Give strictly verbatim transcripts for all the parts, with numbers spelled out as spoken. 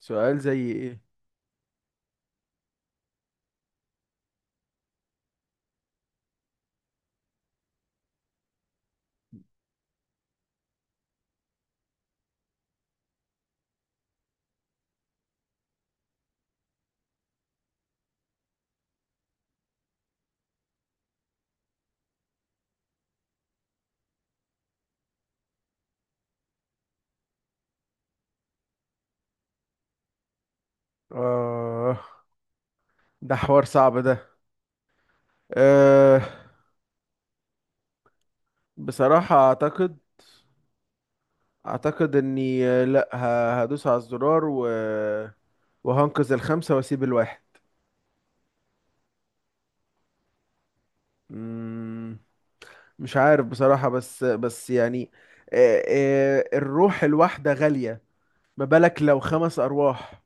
سؤال زي ايه؟ آه، ده حوار صعب ده. آه. بصراحة اعتقد اعتقد اني، آه، لا ه- هدوس على الزرار و... وهنقذ الخمسة واسيب الواحد. مم، مش عارف بصراحة، بس بس يعني آه آه الروح الواحدة غالية. ما بالك لو خمس ارواح؟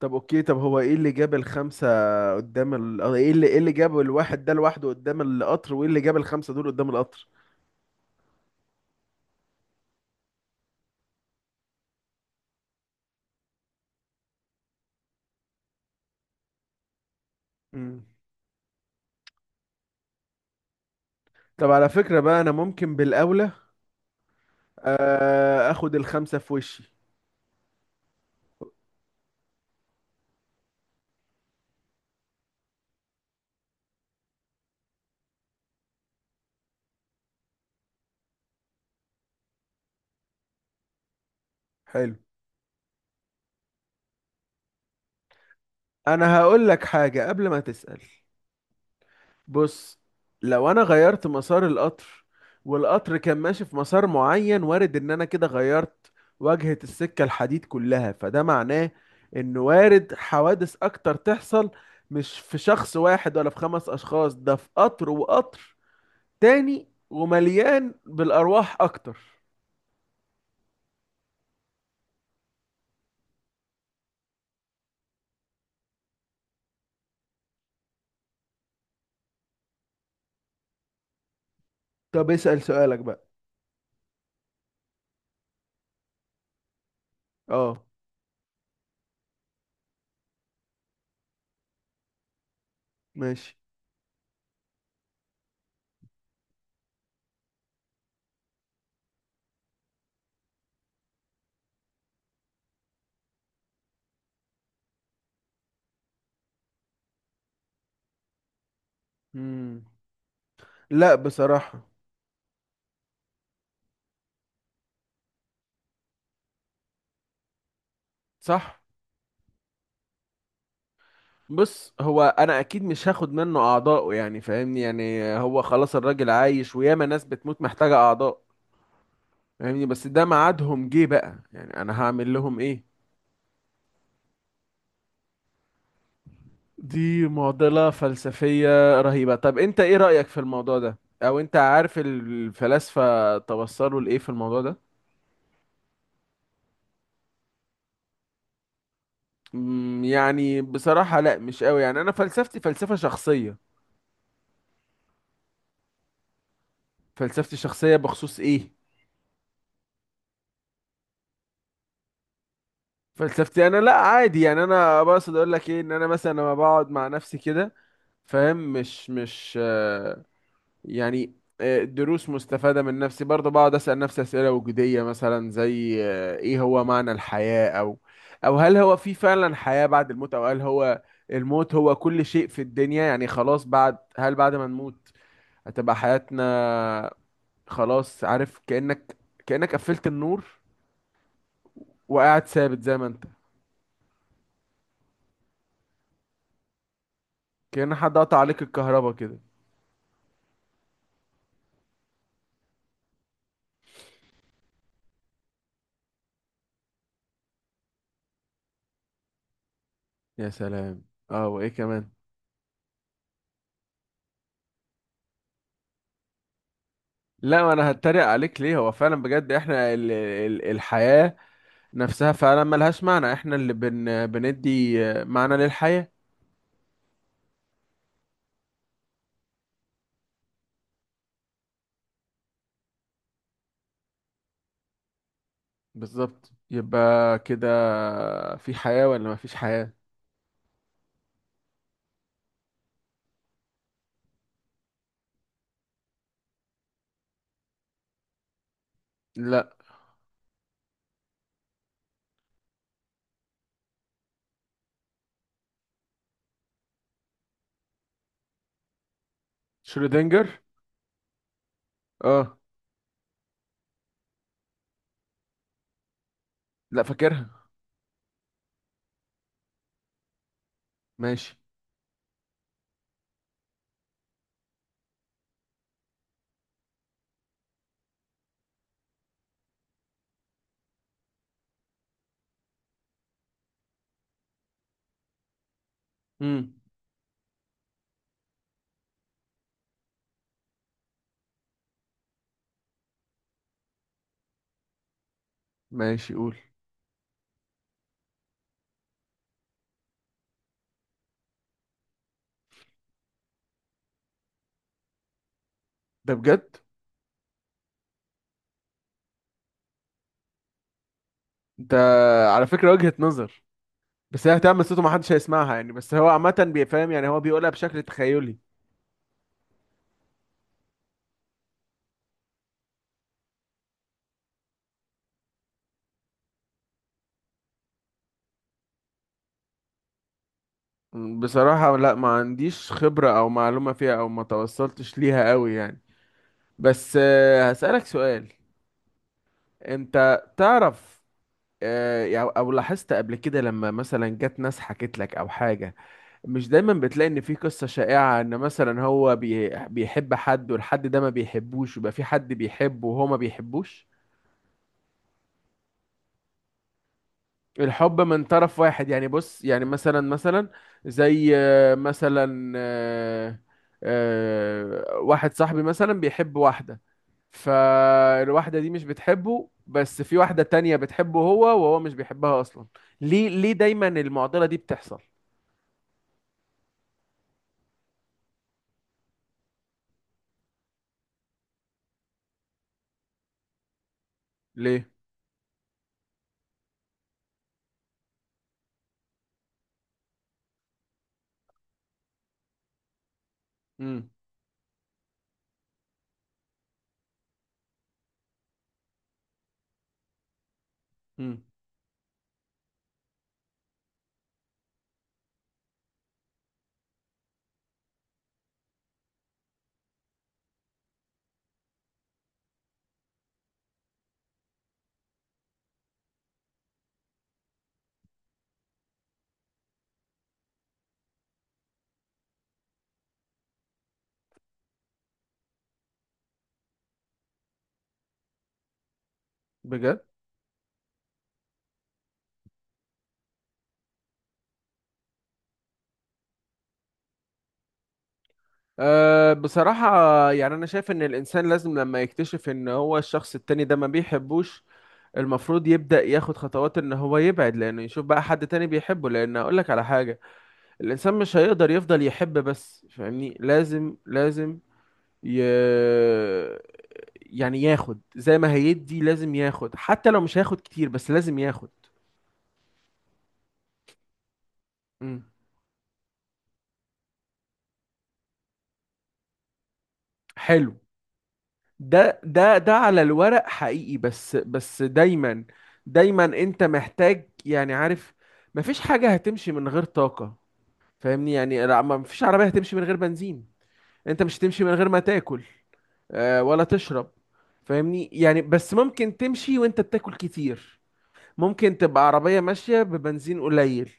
طب اوكي، طب هو ايه اللي جاب الخمسة قدام ال... ايه اللي ايه اللي جاب الواحد ده لوحده قدام القطر، وايه اللي جاب الخمسة دول قدام القطر؟ مم. طب على فكرة بقى، أنا ممكن بالأولى، آه، آخد الخمسة في وشي. حلو. أنا هقول لك حاجة قبل ما تسأل. بص، لو أنا غيرت مسار القطر، والقطر كان ماشي في مسار معين، وارد إن أنا كده غيرت واجهة السكة الحديد كلها، فده معناه إن وارد حوادث أكتر تحصل، مش في شخص واحد ولا في خمس أشخاص، ده في قطر وقطر تاني ومليان بالأرواح أكتر. طب اسأل سؤالك بقى. اه. ماشي. مم. لا، بصراحة. صح. بص، هو انا اكيد مش هاخد منه اعضائه، يعني فاهمني، يعني هو خلاص الراجل عايش، وياما ناس بتموت محتاجة اعضاء. فاهمني، بس ده ميعادهم جه بقى، يعني انا هعمل لهم ايه؟ دي معضلة فلسفية رهيبة. طب انت ايه رأيك في الموضوع ده؟ او انت عارف الفلاسفة توصلوا لايه في الموضوع ده؟ مم، يعني بصراحة لا، مش قوي، يعني انا فلسفتي فلسفة شخصية. فلسفتي شخصية بخصوص ايه؟ فلسفتي انا، لا عادي، يعني انا بقصد اقول لك ايه، ان انا مثلا لما بقعد مع نفسي كده، فاهم، مش مش آه، يعني آه، دروس مستفادة من نفسي برضه، بقعد اسأل نفسي اسئلة وجودية مثلا، زي آه، ايه هو معنى الحياة، او او هل هو في فعلا حياة بعد الموت، او هل هو الموت هو كل شيء في الدنيا. يعني خلاص، بعد هل بعد ما نموت هتبقى حياتنا خلاص، عارف، كأنك كأنك قفلت النور وقاعد ثابت زي ما انت، كأن حد قطع عليك الكهرباء كده. يا سلام. اه، وايه كمان؟ لا، ما انا هتريق عليك ليه؟ هو فعلا بجد احنا ال ال الحياة نفسها فعلا ملهاش معنى، احنا اللي بن بندي معنى للحياة. بالظبط، يبقى كده، في حياة ولا مفيش حياة؟ لا. شرودنجر. اه. لا، فاكرها. ماشي. امم. ماشي، قول. ده بجد؟ ده على فكرة وجهة نظر. بس هي هتعمل صوته محدش هيسمعها يعني، بس هو عامة بيفهم، يعني هو بيقولها بشكل تخيلي. بصراحة لا، ما عنديش خبرة أو معلومة فيها، أو ما توصلتش ليها أوي يعني. بس آه، هسألك سؤال. أنت تعرف، آه، أو أو لاحظت قبل كده لما مثلا جت ناس حكت لك أو حاجة؟ مش دايما بتلاقي إن في قصة شائعة، إن مثلا هو بي- بيحب حد والحد ده ما بيحبوش، ويبقى في حد بيحبه وهو ما بيحبوش؟ الحب من طرف واحد يعني، بص يعني مثلا مثلا، زي آه، مثلا آه، آه، واحد صاحبي مثلا بيحب واحدة، فالواحدة دي مش بتحبه، بس في واحدة تانية بتحبه هو، وهو مش بيحبها أصلا. ليه ليه دايما المعضلة دي بتحصل؟ ليه؟ امم. امم. بجد. أه، بصراحة يعني أنا شايف إن الإنسان لازم لما يكتشف إن هو الشخص التاني ده ما بيحبوش، المفروض يبدأ ياخد خطوات ان هو يبعد، لانه يشوف بقى حد تاني بيحبه. لان اقول لك على حاجة: الانسان مش هيقدر يفضل يحب بس، فاهمني، لازم لازم ي... يعني ياخد زي ما هيدي، لازم ياخد، حتى لو مش هياخد كتير بس لازم ياخد. مم. حلو. ده ده ده على الورق حقيقي، بس بس دايما، دايما انت محتاج، يعني عارف، مفيش حاجة هتمشي من غير طاقة. فاهمني، يعني لا، مفيش عربية هتمشي من غير بنزين. انت مش هتمشي من غير ما تاكل، آه، ولا تشرب. فاهمني يعني، بس ممكن تمشي وانت بتاكل كتير. ممكن تبقى عربية ماشية ببنزين قليل.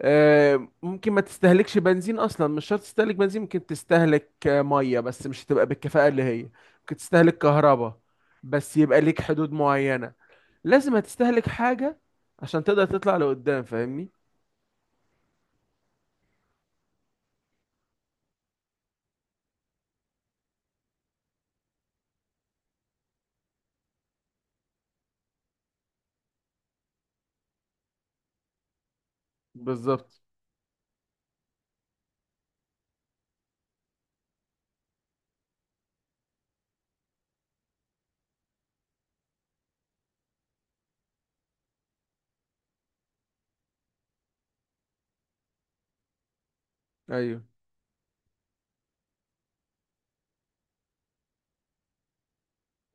آه، ممكن ما تستهلكش بنزين اصلا، مش شرط تستهلك بنزين، ممكن تستهلك آه، مية، بس مش هتبقى بالكفاءة اللي هي. ممكن تستهلك كهرباء، بس يبقى ليك حدود معينة، لازم هتستهلك حاجة عشان تقدر تطلع لقدام، فاهمني. بالظبط. ايوه.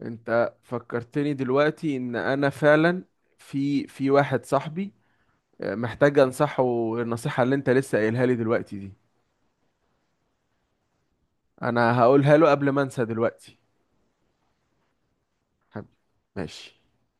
انت فكرتني دلوقتي ان انا فعلا في في واحد صاحبي آه، محتاج انصحه النصيحة اللي انت لسه قايلها لي دلوقتي دي. انا هقولها له قبل ما انسى دلوقتي. حب- ماشي.